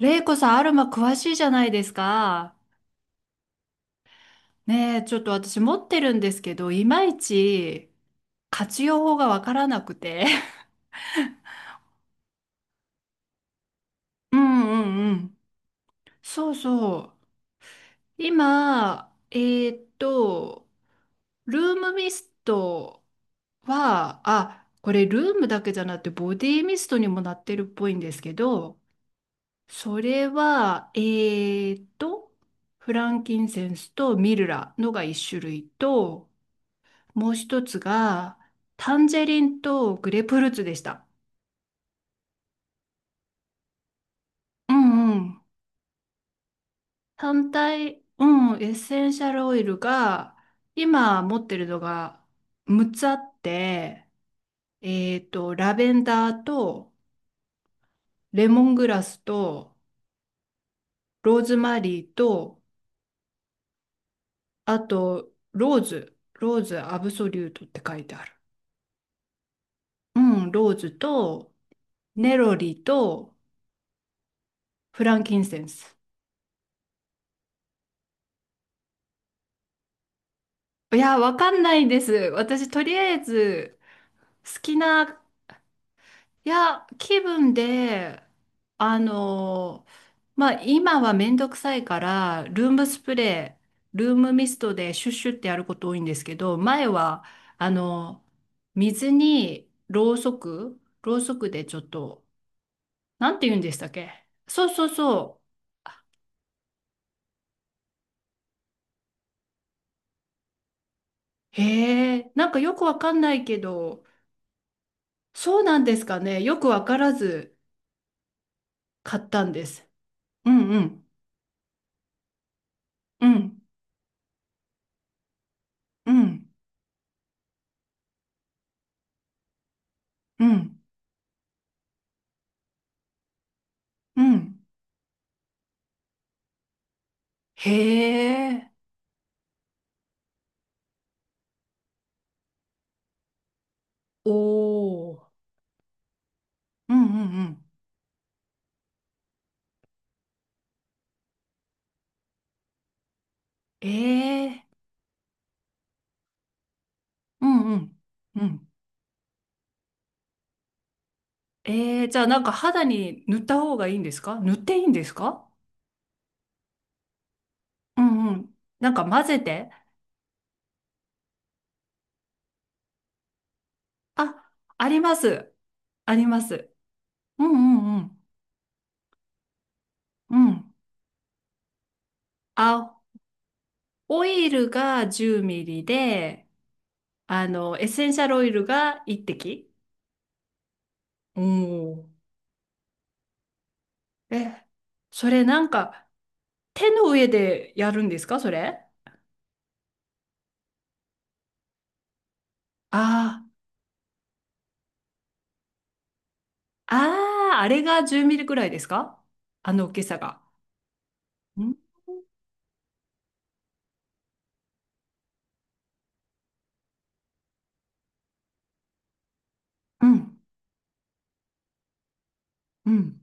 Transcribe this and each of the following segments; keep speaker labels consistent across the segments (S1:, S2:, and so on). S1: レイコさん、アルマ詳しいじゃないですか。ねえ、ちょっと私持ってるんですけど、いまいち活用法がわからなくて。うんうんうん。そうそう。今、ルームミストは、あ、これルームだけじゃなくてボディミストにもなってるっぽいんですけど、それは、フランキンセンスとミルラのが一種類と、もう一つが、タンジェリンとグレープフルーツでした。うんうん。単体、うん、エッセンシャルオイルが、今持ってるのが6つあって、えっと、ラベンダーと、レモングラスと、ローズマリーと、あと、ローズ、ローズアブソリュートって書いてある。うん、ローズと、ネロリと、フランキンセンス。いや、わかんないです。私、とりあえず、好きな、いや、気分で、あの、まあ、今はめんどくさいから、ルームスプレー、ルームミストでシュッシュってやること多いんですけど、前は、あの、水にろうそく、ろうそくでちょっと、なんて言うんでしたっけ。そうそうそう。へえ、なんかよくわかんないけど、そうなんですかね。よくわからず買ったんです。うんうん、うん、うん、うん、うん。へえ、おー、うんうんうん。ええ、うんうん、うん。ええ、じゃあなんか肌に塗った方がいいんですか、塗っていいんですか？うんうん。なんか混ぜて。あ、あります。あります。うんうんうん。うん。あ、オイルが10ミリで、あの、エッセンシャルオイルが1滴。おお。え、それなんか手の上でやるんですか、それ？ああー。ああ、あれが10ミリくらいですか、あの大きさが。んうん、うん、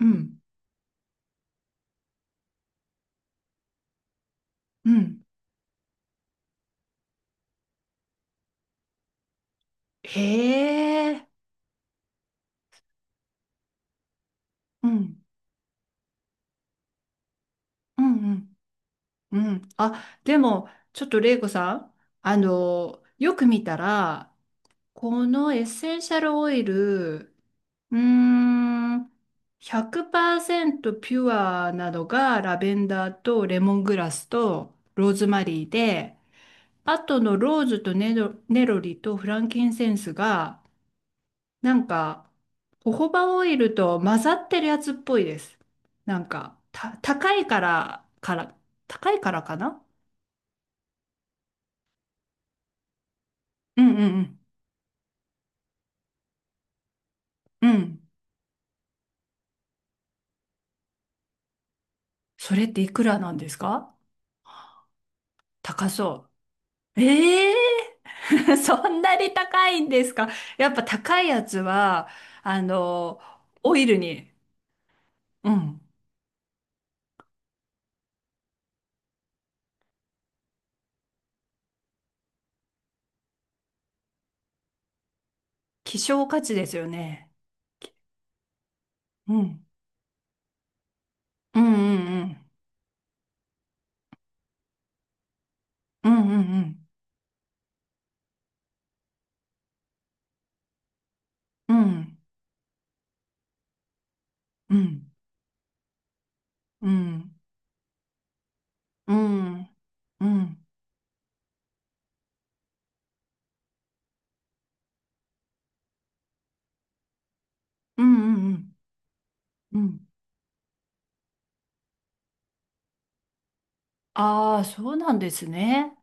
S1: うん、うん。へえ、うん、うん、うん。うん、あ、でも、ちょっと玲子さん、あの、よく見たら、このエッセンシャルオイル、うーん、100%ピュアなのがラベンダーとレモングラスとローズマリーで、あとのローズとネロ、ネロリとフランキンセンスが、なんか、ホホバオイルと混ざってるやつっぽいです。なんか、た、高いから、から、高いからかな。うんうんうん。うん。それっていくらなんですか？高そう。ええー、そんなに高いんですか？やっぱ高いやつは、あの、オイルに。うん。希少価値ですよね。うん。うんうんうん。うんうんうん。うん。うん。うん。うん。うんうん。うんうんうん。うん。ああ、そうなんですね。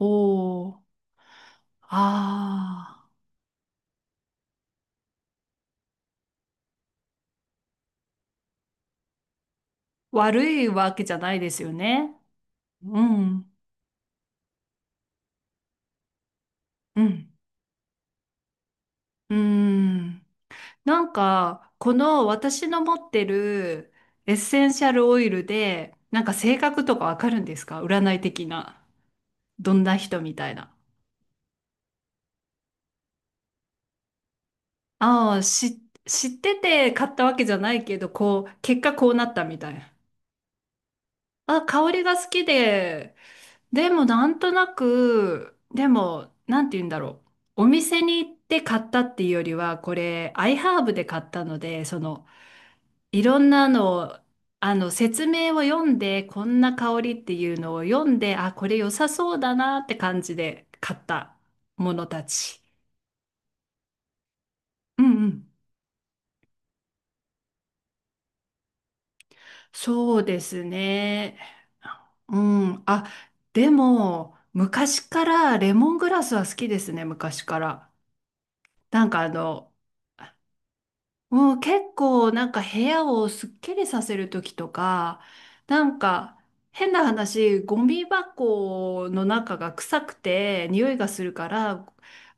S1: おお。ああ。悪いわけじゃないですよね。うん。うん。うん。なんか、この私の持ってるエッセンシャルオイルで、なんか性格とかわかるんですか、占い的な。どんな人みたいな。ああ、し、知ってて買ったわけじゃないけど、こう、結果こうなったみたいな。あ、香りが好きで、でもなんとなく、でも、なんて言うんだろう。お店に行って買ったっていうよりは、これ、アイハーブで買ったので、その、いろんなのを、あの、説明を読んで、こんな香りっていうのを読んで、あ、これ良さそうだなって感じで買ったものたち。うんうん。そうですね。うん。あ、でも、昔からレモングラスは好きですね、昔から。なんかあの、もう結構なんか部屋をすっきりさせる時とか、なんか変な話、ゴミ箱の中が臭くて匂いがするから、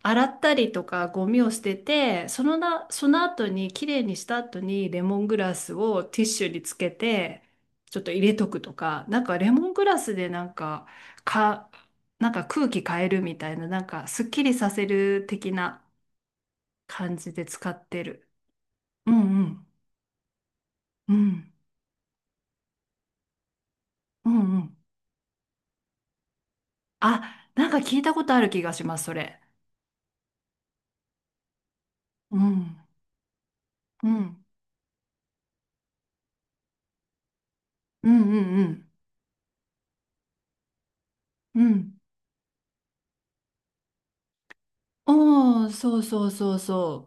S1: 洗ったりとかゴミを捨てて、そのな、その後に綺麗にした後にレモングラスをティッシュにつけて、ちょっと入れとくとか、なんかレモングラスでなんか、か、なんか空気変えるみたいな、なんかすっきりさせる的な感じで使ってる。うんうん。うん。うんうん。あ、なんか聞いたことある気がします、それ。うん。うん。うんうんうん。うん。おー、そうそうそうそ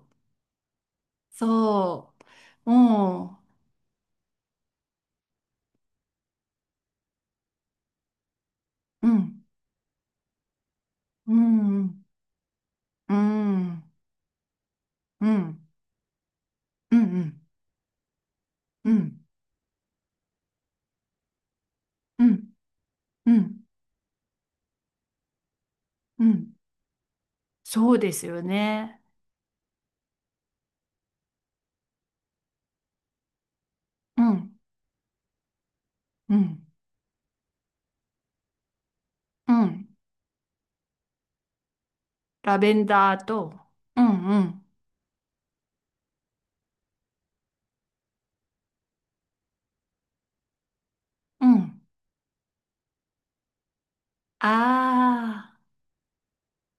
S1: う。そう。おー。うん。うんうん。うん。うんうんうん。うんうん。うん。そうですよね。うん。うん。うん。ラベンダーと。うんうん。うん。ああ。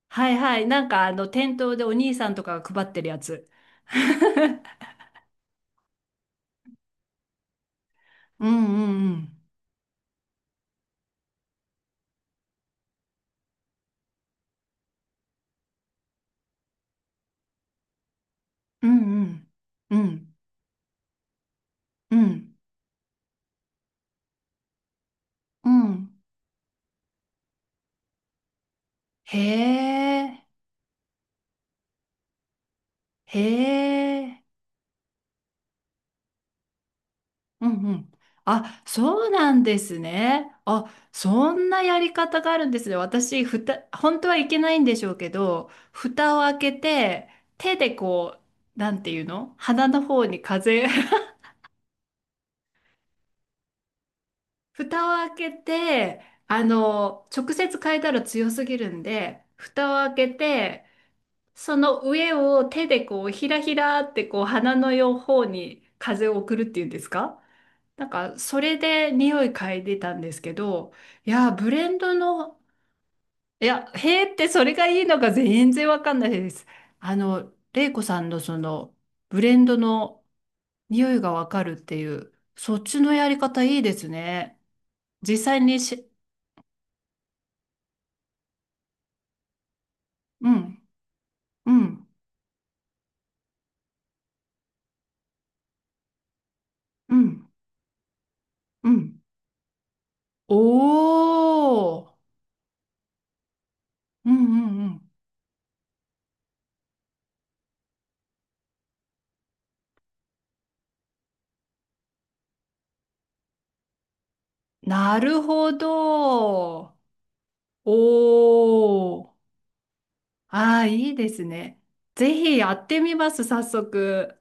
S1: はいはい。なんかあの店頭でお兄さんとかが配ってるやつ。うんうんうん。うんうん。うんうん。へえ。へえ。うんうん。あ、そうなんですね。あ、そんなやり方があるんですね。私、ふた、本当はいけないんでしょうけど、蓋を開けて、手でこう、なんていうの、鼻の方に風。蓋を開けて、あの、直接変えたら強すぎるんで、蓋を開けて、その上を手でこう、ひらひらってこう、鼻の両方に風を送るっていうんですか、なんか、それで匂い嗅いでたんですけど、いや、ブレンドの、いや、へーってそれがいいのか全然わかんないです。あの、玲子さんのその、ブレンドの匂いがわかるっていう、そっちのやり方いいですね。実際にし、うん。うん、うん、うん。おー。うんうんうん。なるほど。おー。ああ、いいですね。ぜひやってみます、早速。